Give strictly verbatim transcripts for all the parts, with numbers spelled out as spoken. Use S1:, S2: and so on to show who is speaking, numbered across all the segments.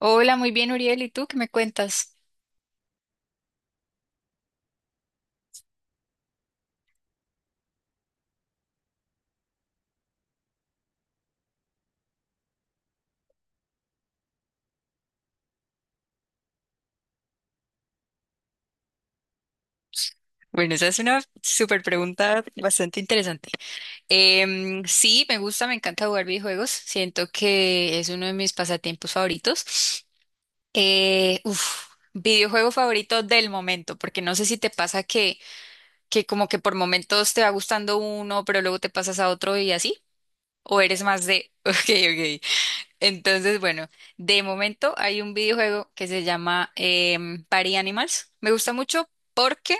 S1: Hola, muy bien, Uriel. ¿Y tú qué me cuentas? Bueno, esa es una súper pregunta bastante interesante. Em, sí, me gusta, me encanta jugar videojuegos. Siento que es uno de mis pasatiempos favoritos. Eh, uf, videojuego favorito del momento, porque no sé si te pasa que, que como que por momentos te va gustando uno, pero luego te pasas a otro y así. ¿O eres más de, ok, ok. Entonces, bueno, de momento hay un videojuego que se llama em, Party Animals. Me gusta mucho porque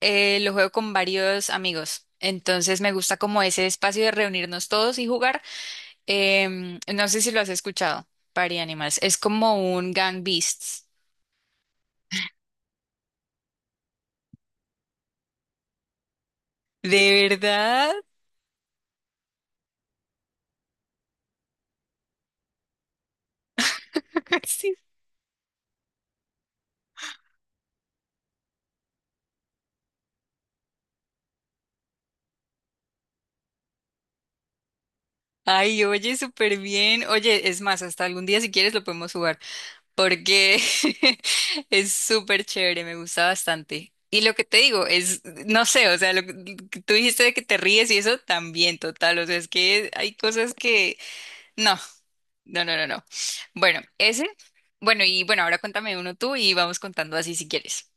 S1: eh, lo juego con varios amigos. Entonces me gusta como ese espacio de reunirnos todos y jugar. Em, no sé si lo has escuchado, Party Animals. Es como un Gang Beasts. ¿De verdad? Sí. Ay, oye, súper bien. Oye, es más, hasta algún día si quieres lo podemos jugar, porque es súper chévere, me gusta bastante. Y lo que te digo es, no sé, o sea, lo que lo que tú dijiste de que te ríes y eso también, total, o sea, es que hay cosas que, no, no, no, no, no. Bueno, ese, bueno, y bueno, ahora cuéntame uno tú y vamos contando así si quieres.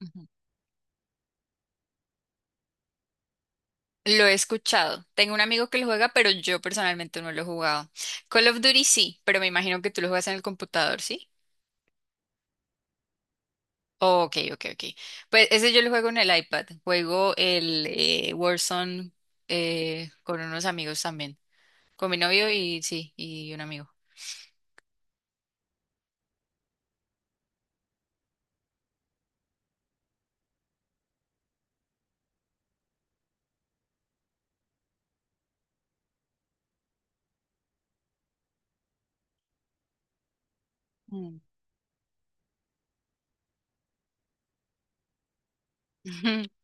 S1: Ujú. Lo he escuchado, tengo un amigo que lo juega, pero yo personalmente no lo he jugado. Call of Duty sí, pero me imagino que tú lo juegas en el computador, ¿sí? Oh, ok, ok, ok. Pues ese yo lo juego en el iPad. Juego el eh, Warzone eh, con unos amigos también. Con mi novio y sí, y un amigo. Mm.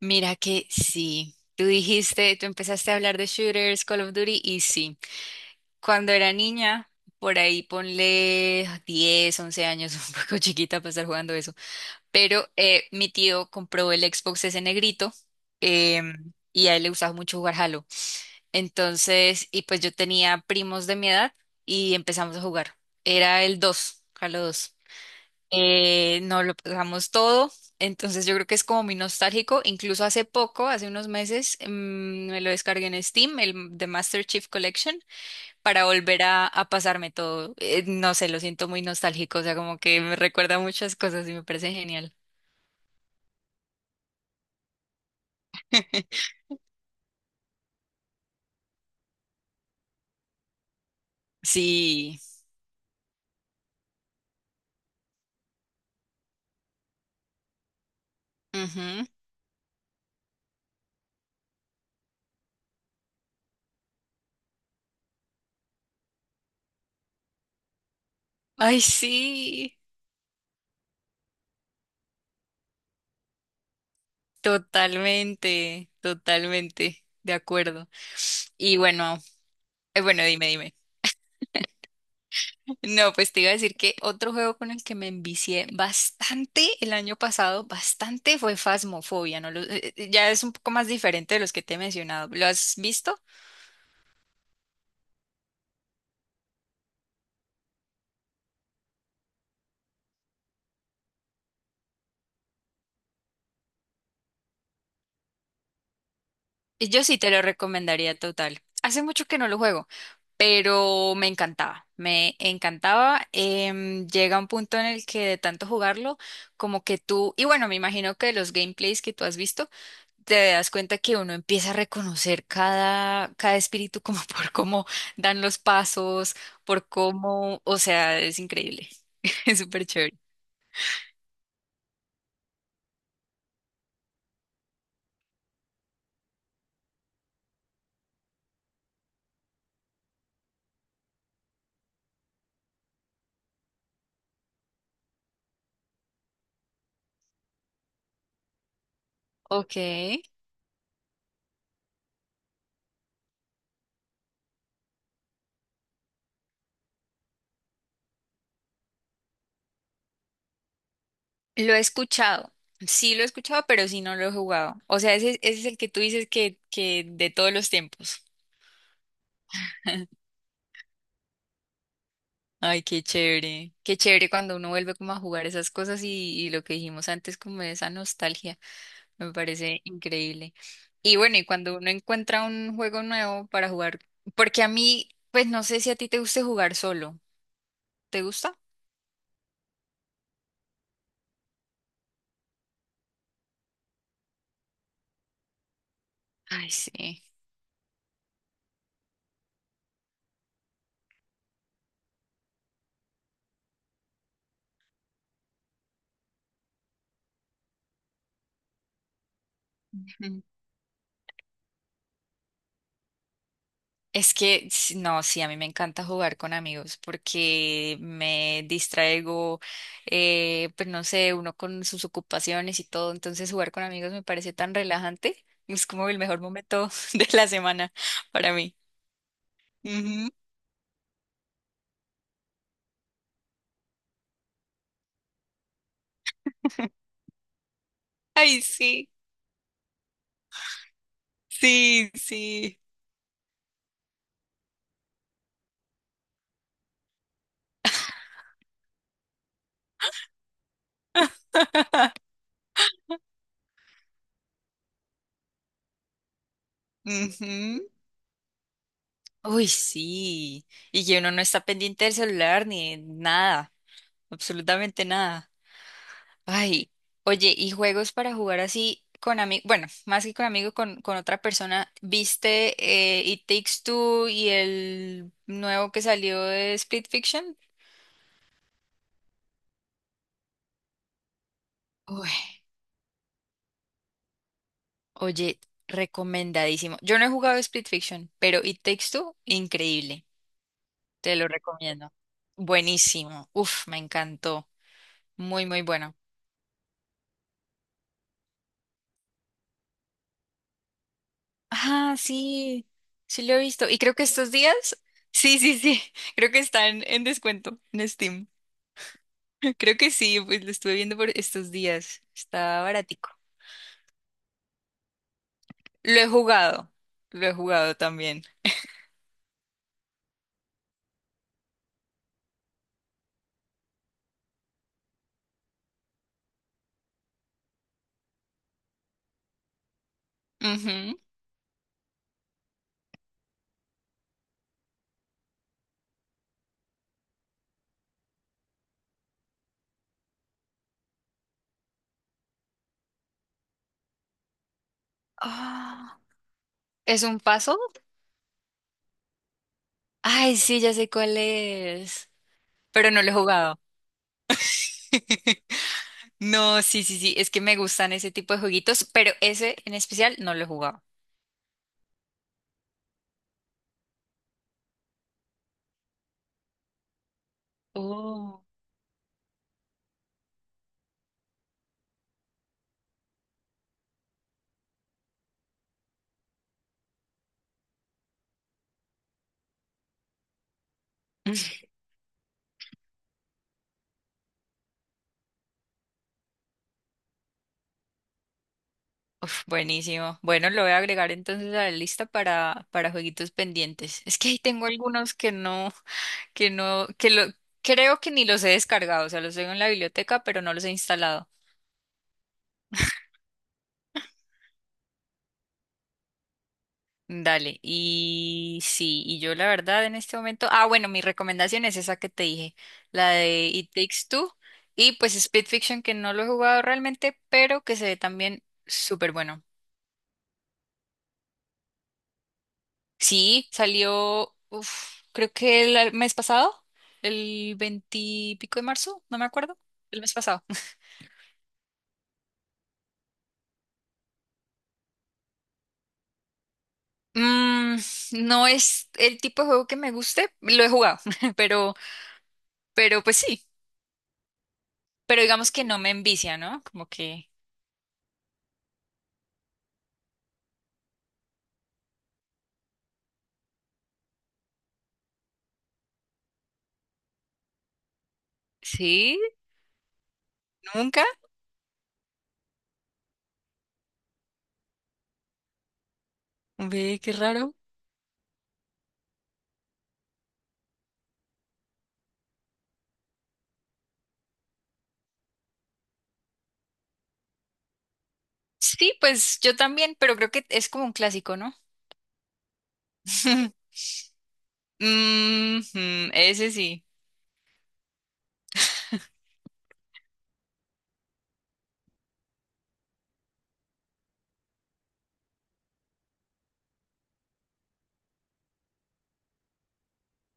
S1: Mira que sí. Tú dijiste, tú empezaste a hablar de shooters, Call of Duty, y sí. Cuando era niña, por ahí ponle diez, once años, un poco chiquita para estar jugando eso. Pero eh, mi tío compró el Xbox ese negrito em, y a él le gustaba mucho jugar Halo. Entonces, y pues yo tenía primos de mi edad y empezamos a jugar. Era el dos, Halo dos. Eh, nos lo pasamos todo, entonces yo creo que es como muy nostálgico. Incluso hace poco, hace unos meses, mm, me lo descargué en Steam, el The Master Chief Collection, para volver a, a pasarme todo. Eh, no sé, lo siento muy nostálgico, o sea, como que me recuerda a muchas cosas y me parece genial. Sí. Ujú. Ay, sí. Totalmente, totalmente, de acuerdo. Y bueno, eh, bueno, dime, dime. No, pues te iba a decir que otro juego con el que me envicié bastante el año pasado, bastante fue Phasmophobia, ¿no? lo- eh, eh, ya es un poco más diferente de los que te he mencionado. ¿Lo has visto? Y yo sí te lo recomendaría total. Hace mucho que no lo juego, pero me encantaba, me encantaba. Em, llega un punto en el que de tanto jugarlo, como que tú, y bueno, me imagino que los gameplays que tú has visto, te das cuenta que uno empieza a reconocer cada, cada espíritu como por cómo dan los pasos, por cómo, o sea, es increíble, es súper chévere. Ok, lo he escuchado, sí lo he escuchado, pero sí no lo he jugado. O sea, ese, ese es el que tú dices que, que de todos los tiempos. Ay, qué chévere, qué chévere cuando uno vuelve como a jugar esas cosas y, y lo que dijimos antes, como esa nostalgia. Me parece increíble. Y bueno, y cuando uno encuentra un juego nuevo para jugar, porque a mí, pues no sé si a ti te guste jugar solo. ¿Te gusta? Ay, sí. Ujú. Es que s- no, sí, a mí me encanta jugar con amigos porque me distraigo, eh, pues no sé, uno con sus ocupaciones y todo, entonces jugar con amigos me parece tan relajante, es como el mejor momento de la semana para mí. Ujú. Ay, sí, sí, sí. Ujú. Uy, sí. Y que uno no está pendiente del celular ni de nada, absolutamente nada. Ay, oye, ¿y juegos para jugar así con amigos? Bueno, más que con amigos, con, con, otra persona. ¿Viste eh, It Takes Two y el nuevo que salió de Split Fiction? Uy, oye, recomendadísimo. Yo no he jugado Split Fiction, pero It Takes Two, increíble. Te lo recomiendo. Buenísimo. Uf, me encantó. Muy, muy bueno. Ah, sí, sí lo he visto. Y creo que estos días, sí, sí, sí, creo que están en descuento en Steam. Creo que sí, pues lo estuve viendo por estos días. Está baratico. Lo he jugado, lo he jugado también. Ujú. Ah, ¿es un puzzle? Ay, sí, ya sé cuál es, pero no lo he jugado. No, sí, sí, sí, es que me gustan ese tipo de jueguitos, pero ese en especial no lo he jugado. Oh. Uf, buenísimo. Bueno, lo voy a agregar entonces a la lista para, para, jueguitos pendientes. Es que ahí tengo algunos que no, que no, que lo, creo que ni los he descargado, o sea, los tengo en la biblioteca, pero no los he instalado. Dale, y sí, y yo la verdad en este momento, ah, bueno, mi recomendación es esa que te dije, la de It Takes Two, y pues speed Fiction, que no lo he jugado realmente, pero que se ve también súper bueno. Sí, salió, uf, creo que el mes pasado, el veintipico de marzo, no me acuerdo, el mes pasado. Mm, no es el tipo de juego que me guste, lo he jugado, pero, pero, pues sí, pero digamos que no me envicia, ¿no? Como que sí, nunca. Ve, qué raro. Sí, pues yo también, pero creo que es como un clásico, ¿no? Ujú, ese sí.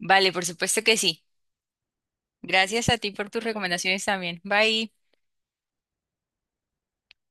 S1: Vale, por supuesto que sí. Gracias a ti por tus recomendaciones también. Bye.